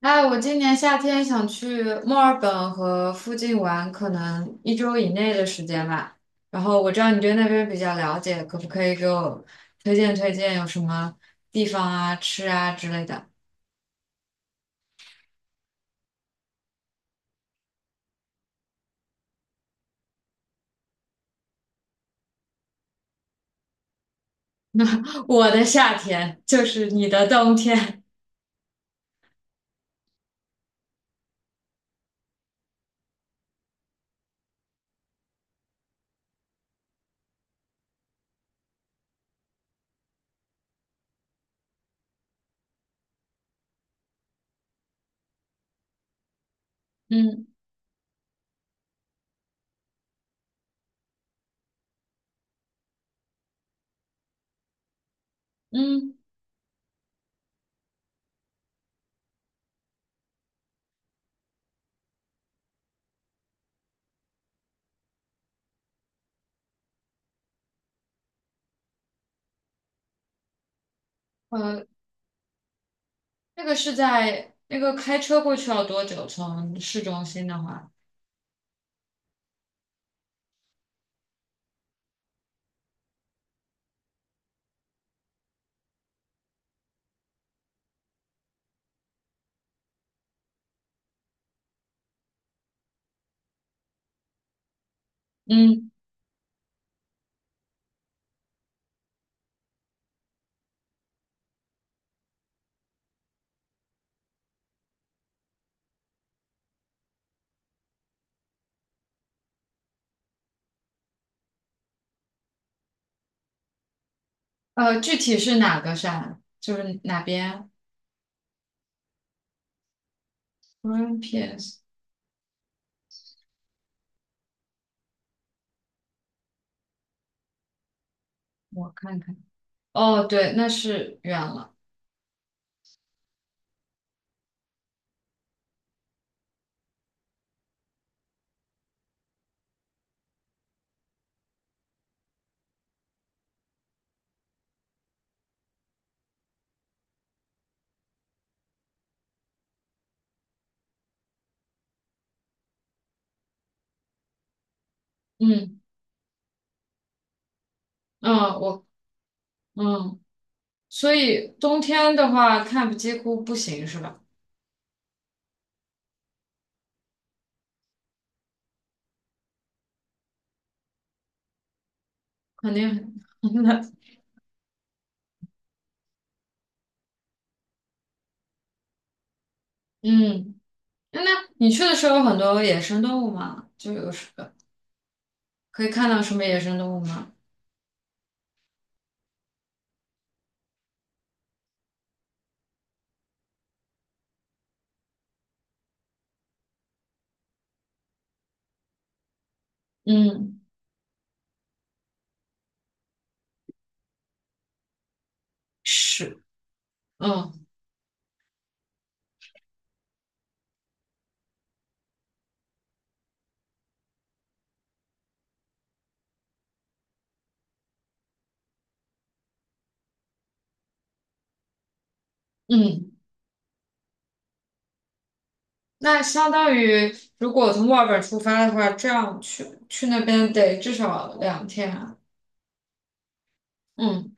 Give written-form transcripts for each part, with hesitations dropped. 哎，我今年夏天想去墨尔本和附近玩，可能一周以内的时间吧。然后我知道你对那边比较了解，可不可以给我推荐推荐有什么地方啊、吃啊之类的？我的夏天就是你的冬天。嗯嗯，呃，那个是在那个开车过去要多久？从市中心的话，嗯，具体是哪个山？就是哪边 g r e e n p e a e 我看看。哦，对，那是远了。嗯嗯，我嗯，所以冬天的话看几乎不行是吧？肯定很 冷。嗯，那你去的时候有很多野生动物吗？就有什可以看到什么野生动物吗？嗯，是，嗯嗯，那相当于如果从墨尔本出发的话，这样去那边得至少2天啊嗯，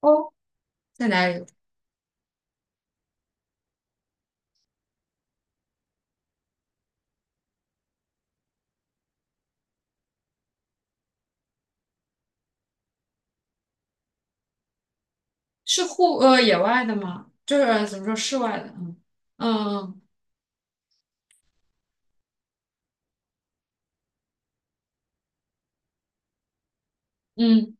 哦，在哪里？是野外的吗？就是怎么说室外的？嗯嗯嗯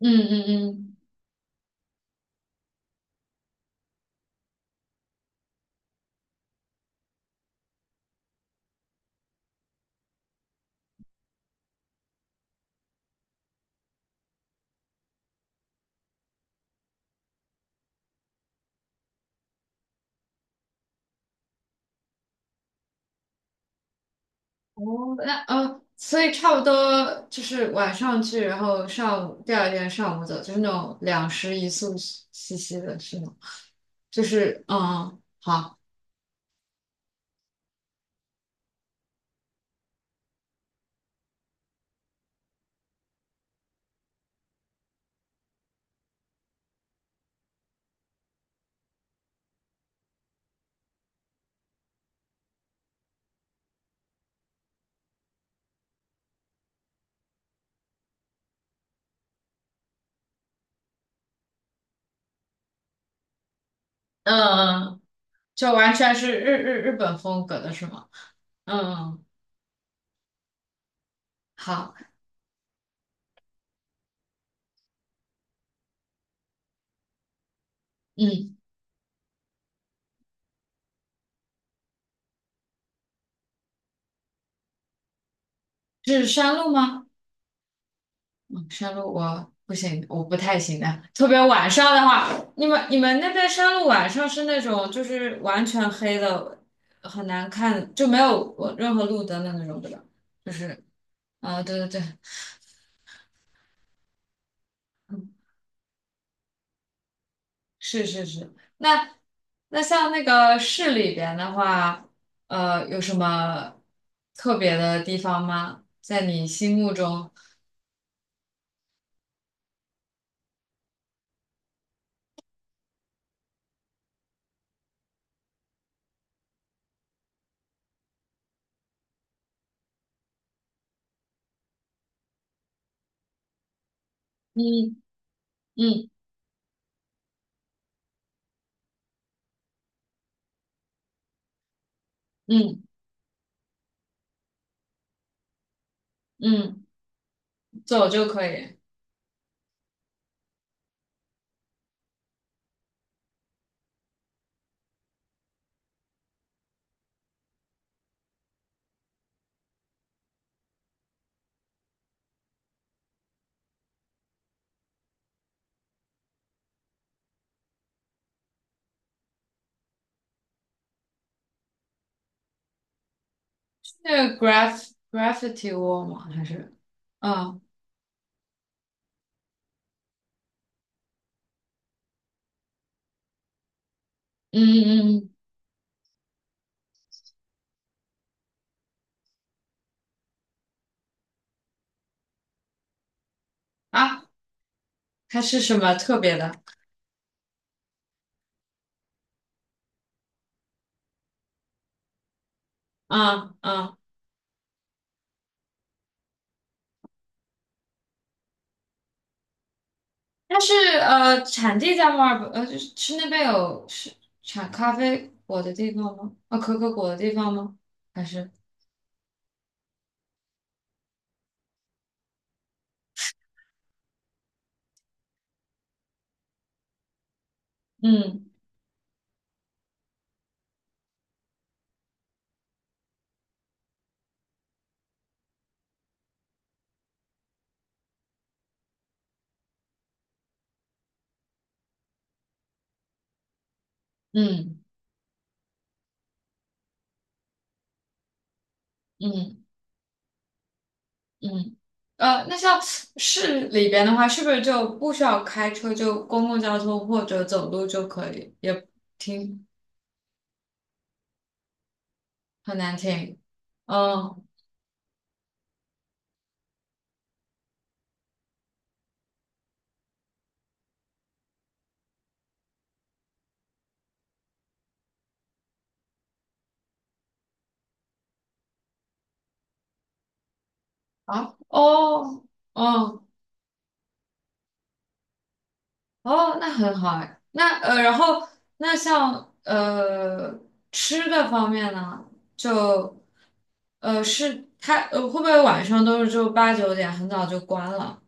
嗯嗯嗯。哦，那所以差不多就是晚上去，然后上午第二天上午走，就是那种两食一宿兮兮的，是吗？就是嗯，好，嗯，就完全是日本风格的是吗？嗯，好，嗯，是山路吗？嗯，山路我不行，我不太行的。特别晚上的话，你们那边山路晚上是那种就是完全黑的，很难看，就没有我任何路灯的那种，对吧？就是啊、对对对，是是是。那像那个市里边的话，有什么特别的地方吗？在你心目中，嗯嗯嗯嗯，走就可以。那个 graffiti wall 吗？还是，啊，嗯嗯嗯啊，它是什么特别的？啊啊，它是产地在墨尔本，就是那边有是产咖啡果的地方吗？啊，可可果的地方吗？还是嗯嗯嗯嗯那像市里边的话，是不是就不需要开车，就公共交通或者走路就可以？也挺很难听，嗯。啊，哦，哦，哦，那很好哎。那然后那像吃的方面呢，就是他会不会晚上都是就8、9点很早就关了？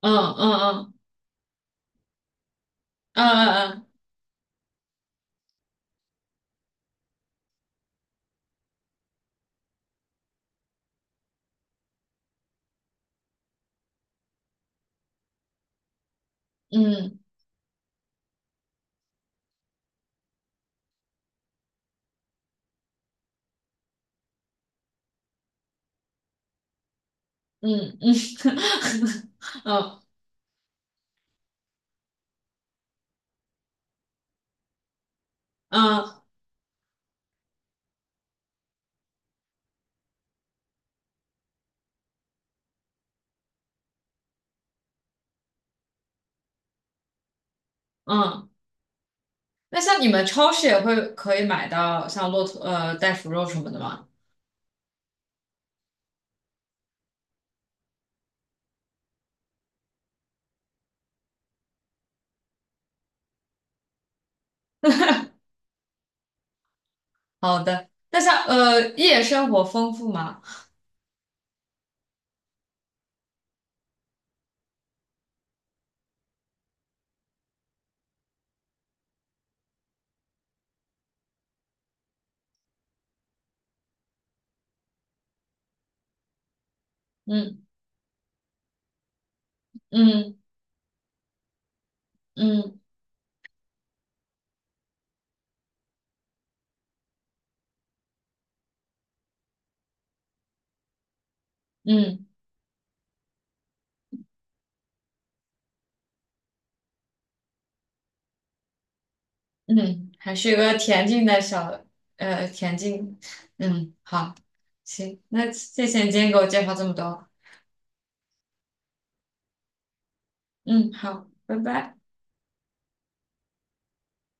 嗯嗯嗯嗯嗯嗯嗯嗯嗯嗯嗯嗯那像你们超市也会可以买到像骆驼袋鼠肉什么的吗？好的。那像夜生活丰富吗？嗯嗯嗯嗯嗯，还是有个恬静的恬静，嗯，好，行，那谢谢你今天给我介绍这么多，嗯，好，拜拜。